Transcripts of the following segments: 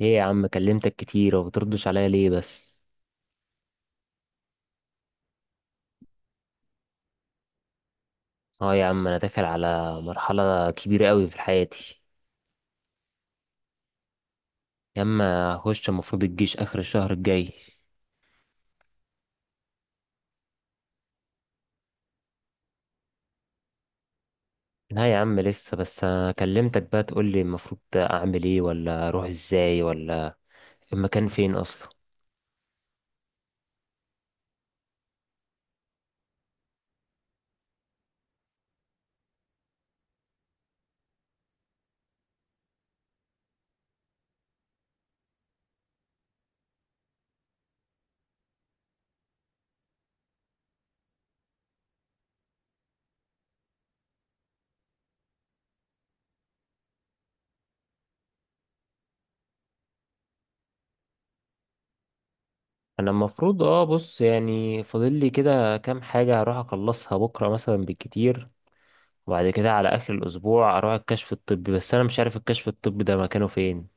ايه يا عم، كلمتك كتير وبتردش عليا ليه بس؟ اه يا عم، انا داخل على مرحلة كبيرة قوي في حياتي. يا عم هخش المفروض الجيش اخر الشهر الجاي. لا يا عم لسه بس. كلمتك بقى تقولي المفروض اعمل ايه، ولا اروح ازاي، ولا المكان فين اصلا. انا المفروض اه بص يعني فاضل لي كده كام حاجة هروح اخلصها بكرة مثلا بالكتير، وبعد كده على اخر الاسبوع اروح الكشف الطبي، بس انا مش عارف الكشف الطبي ده مكانه فين.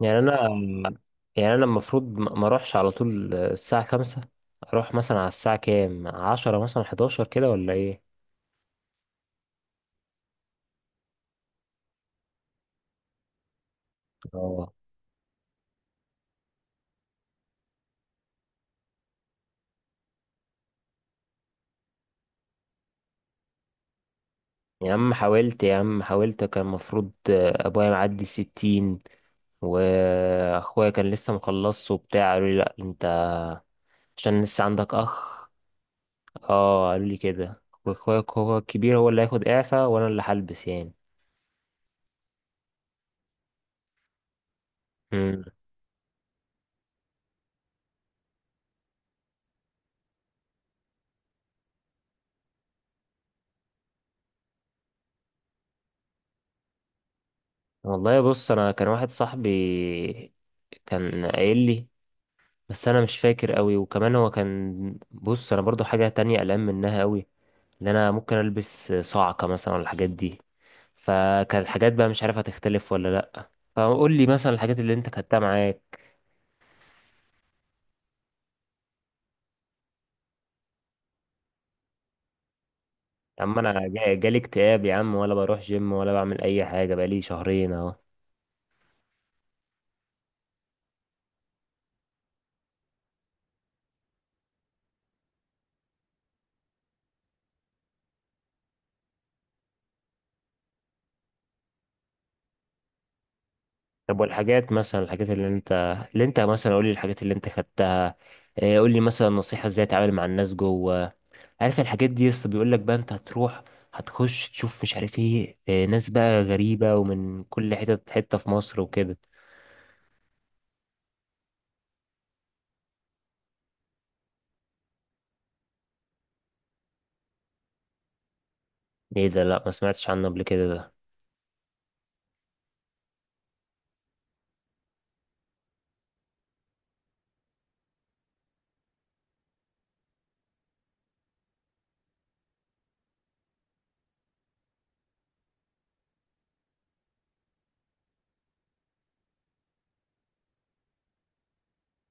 يعني انا يعني انا المفروض ما اروحش على طول الساعة 5، اروح مثلا على الساعة كام، 10 مثلا، 11 كده، ولا ايه؟ اه يا عم حاولت، يا عم حاولت. كان المفروض ابويا معدي 60، واخويا كان لسه مخلصه وبتاع، قالوا لي لا انت عشان لسه عندك اخ. اه قالوا لي كده، واخويا هو الكبير، هو اللي هياخد اعفاء وانا اللي هلبس يعني. امم والله بص انا كان واحد صاحبي كان قايل لي، بس انا مش فاكر قوي. وكمان هو كان بص، انا برضو حاجة تانية قلقان منها قوي، ان انا ممكن البس صعقة مثلا ولا الحاجات دي، فكان الحاجات بقى مش عارف هتختلف ولا لا. فقول لي مثلا الحاجات اللي انت خدتها معاك. يا عم انا جالي اكتئاب يا عم، ولا بروح جيم ولا بعمل اي حاجة بقالي شهرين اهو. طب والحاجات مثلا، الحاجات اللي انت، اللي انت مثلا، قول لي الحاجات اللي انت خدتها. قول لي مثلا نصيحة ازاي اتعامل مع الناس جوه، عارف الحاجات دي؟ يسطا بيقول لك بقى انت هتروح، هتخش تشوف مش عارف ايه، آه، ناس بقى غريبة ومن كل حتة حتة في مصر وكده. ايه ده؟ لا ما سمعتش عنه قبل كده ده.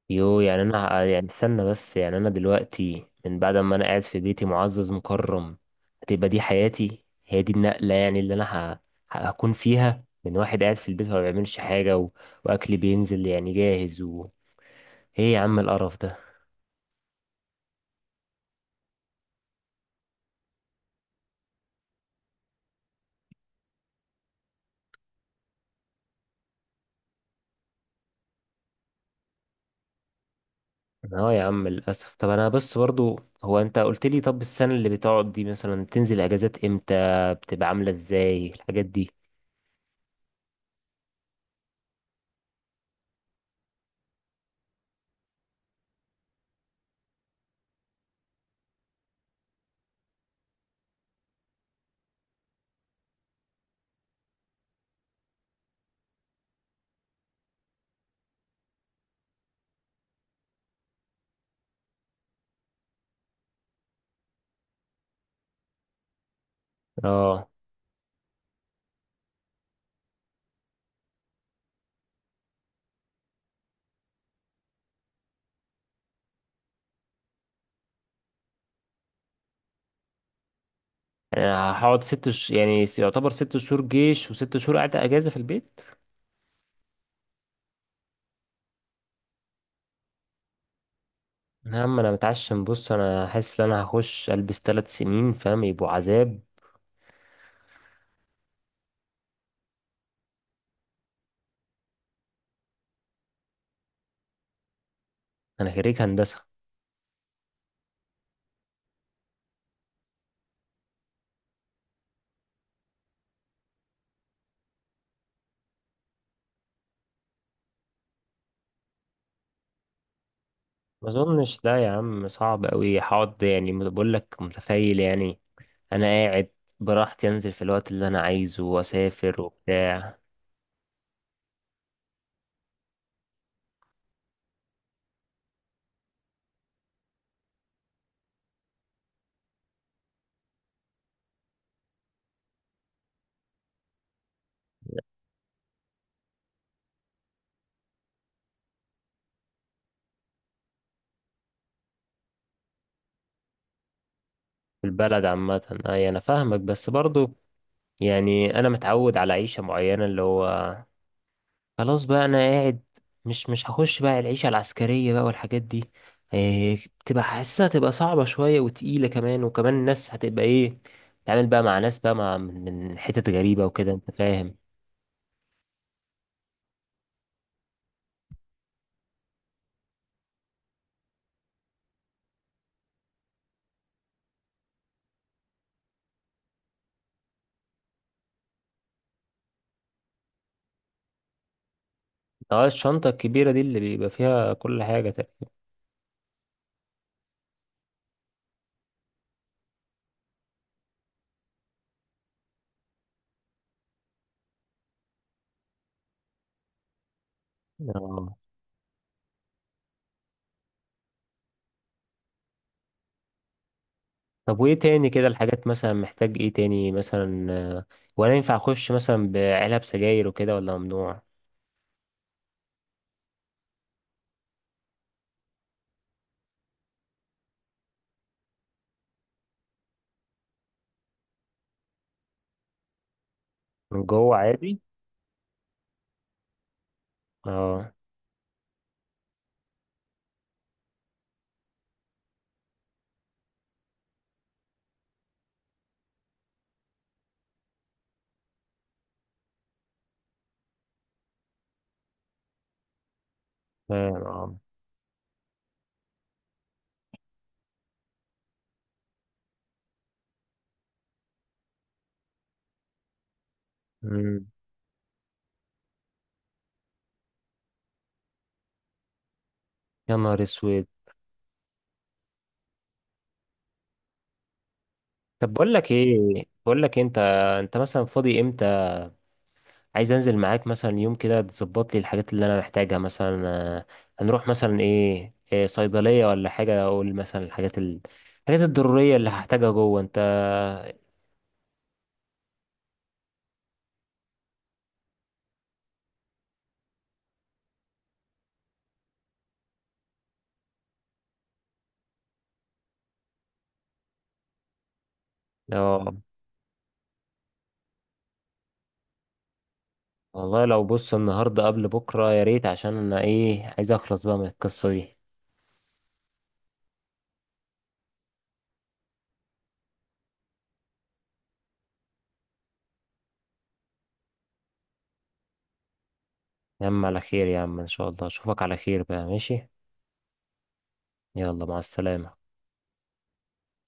يو يعني انا يعني استنى، بس يعني انا دلوقتي من بعد ما انا قاعد في بيتي معزز مكرم، هتبقى دي حياتي؟ هي دي النقلة يعني اللي انا هكون فيها، من واحد قاعد في البيت ما بيعملش حاجة، و... واكلي بينزل يعني جاهز. و... ايه يا عم القرف ده؟ اه يا عم للاسف. طب انا بس برضو، هو انت قلت لي طب السنه اللي بتقعد دي مثلا تنزل اجازات امتى؟ بتبقى عامله ازاي الحاجات دي؟ اه انا هقعد ست ش... يعني س- يعتبر 6 شهور جيش وست شهور قاعده اجازه في البيت. يا عم انا متعشم، بص انا حاسس ان انا هخش البس 3 سنين، فاهم؟ يبقوا عذاب. انا خريج هندسه. ما اظنش، لا يا عم صعب قوي. هقعد يعني بقول لك، متخيل يعني انا قاعد براحتي، انزل في الوقت اللي انا عايزه واسافر وبتاع. في البلد عامة، أي أنا فاهمك، بس برضو يعني أنا متعود على عيشة معينة، اللي هو خلاص بقى أنا قاعد، مش هخش بقى العيشة العسكرية بقى والحاجات دي. إيه بتبقى حاسسها؟ تبقى صعبة شوية وتقيلة كمان، وكمان الناس هتبقى إيه؟ تعمل بقى مع ناس بقى، مع من حتت غريبة وكده، أنت فاهم. اه الشنطة الكبيرة دي اللي بيبقى فيها كل حاجة تقريبا. اه. طب وإيه تاني كده؟ الحاجات مثلا محتاج إيه تاني مثلا، آه، ولا ينفع أخش مثلا بعلب سجاير وكده، ولا ممنوع؟ من جوه عادي. اه. فاهم، اه. مم. يا نهار اسود. طب بقول لك ايه، بقول لك إيه، انت، انت مثلا فاضي امتى؟ عايز انزل معاك مثلا يوم كده تظبط لي الحاجات اللي انا محتاجها مثلا، آه، هنروح مثلا إيه صيدلية ولا حاجة، اقول مثلا الحاجات ال... الحاجات الضرورية اللي هحتاجها جوه انت. اه. والله لو بص النهاردة قبل بكرة يا ريت، عشان انا ايه، عايز اخلص بقى من القصة دي. يا عم على خير، يا عم ان شاء الله اشوفك على خير بقى، ماشي. يلا مع السلامة.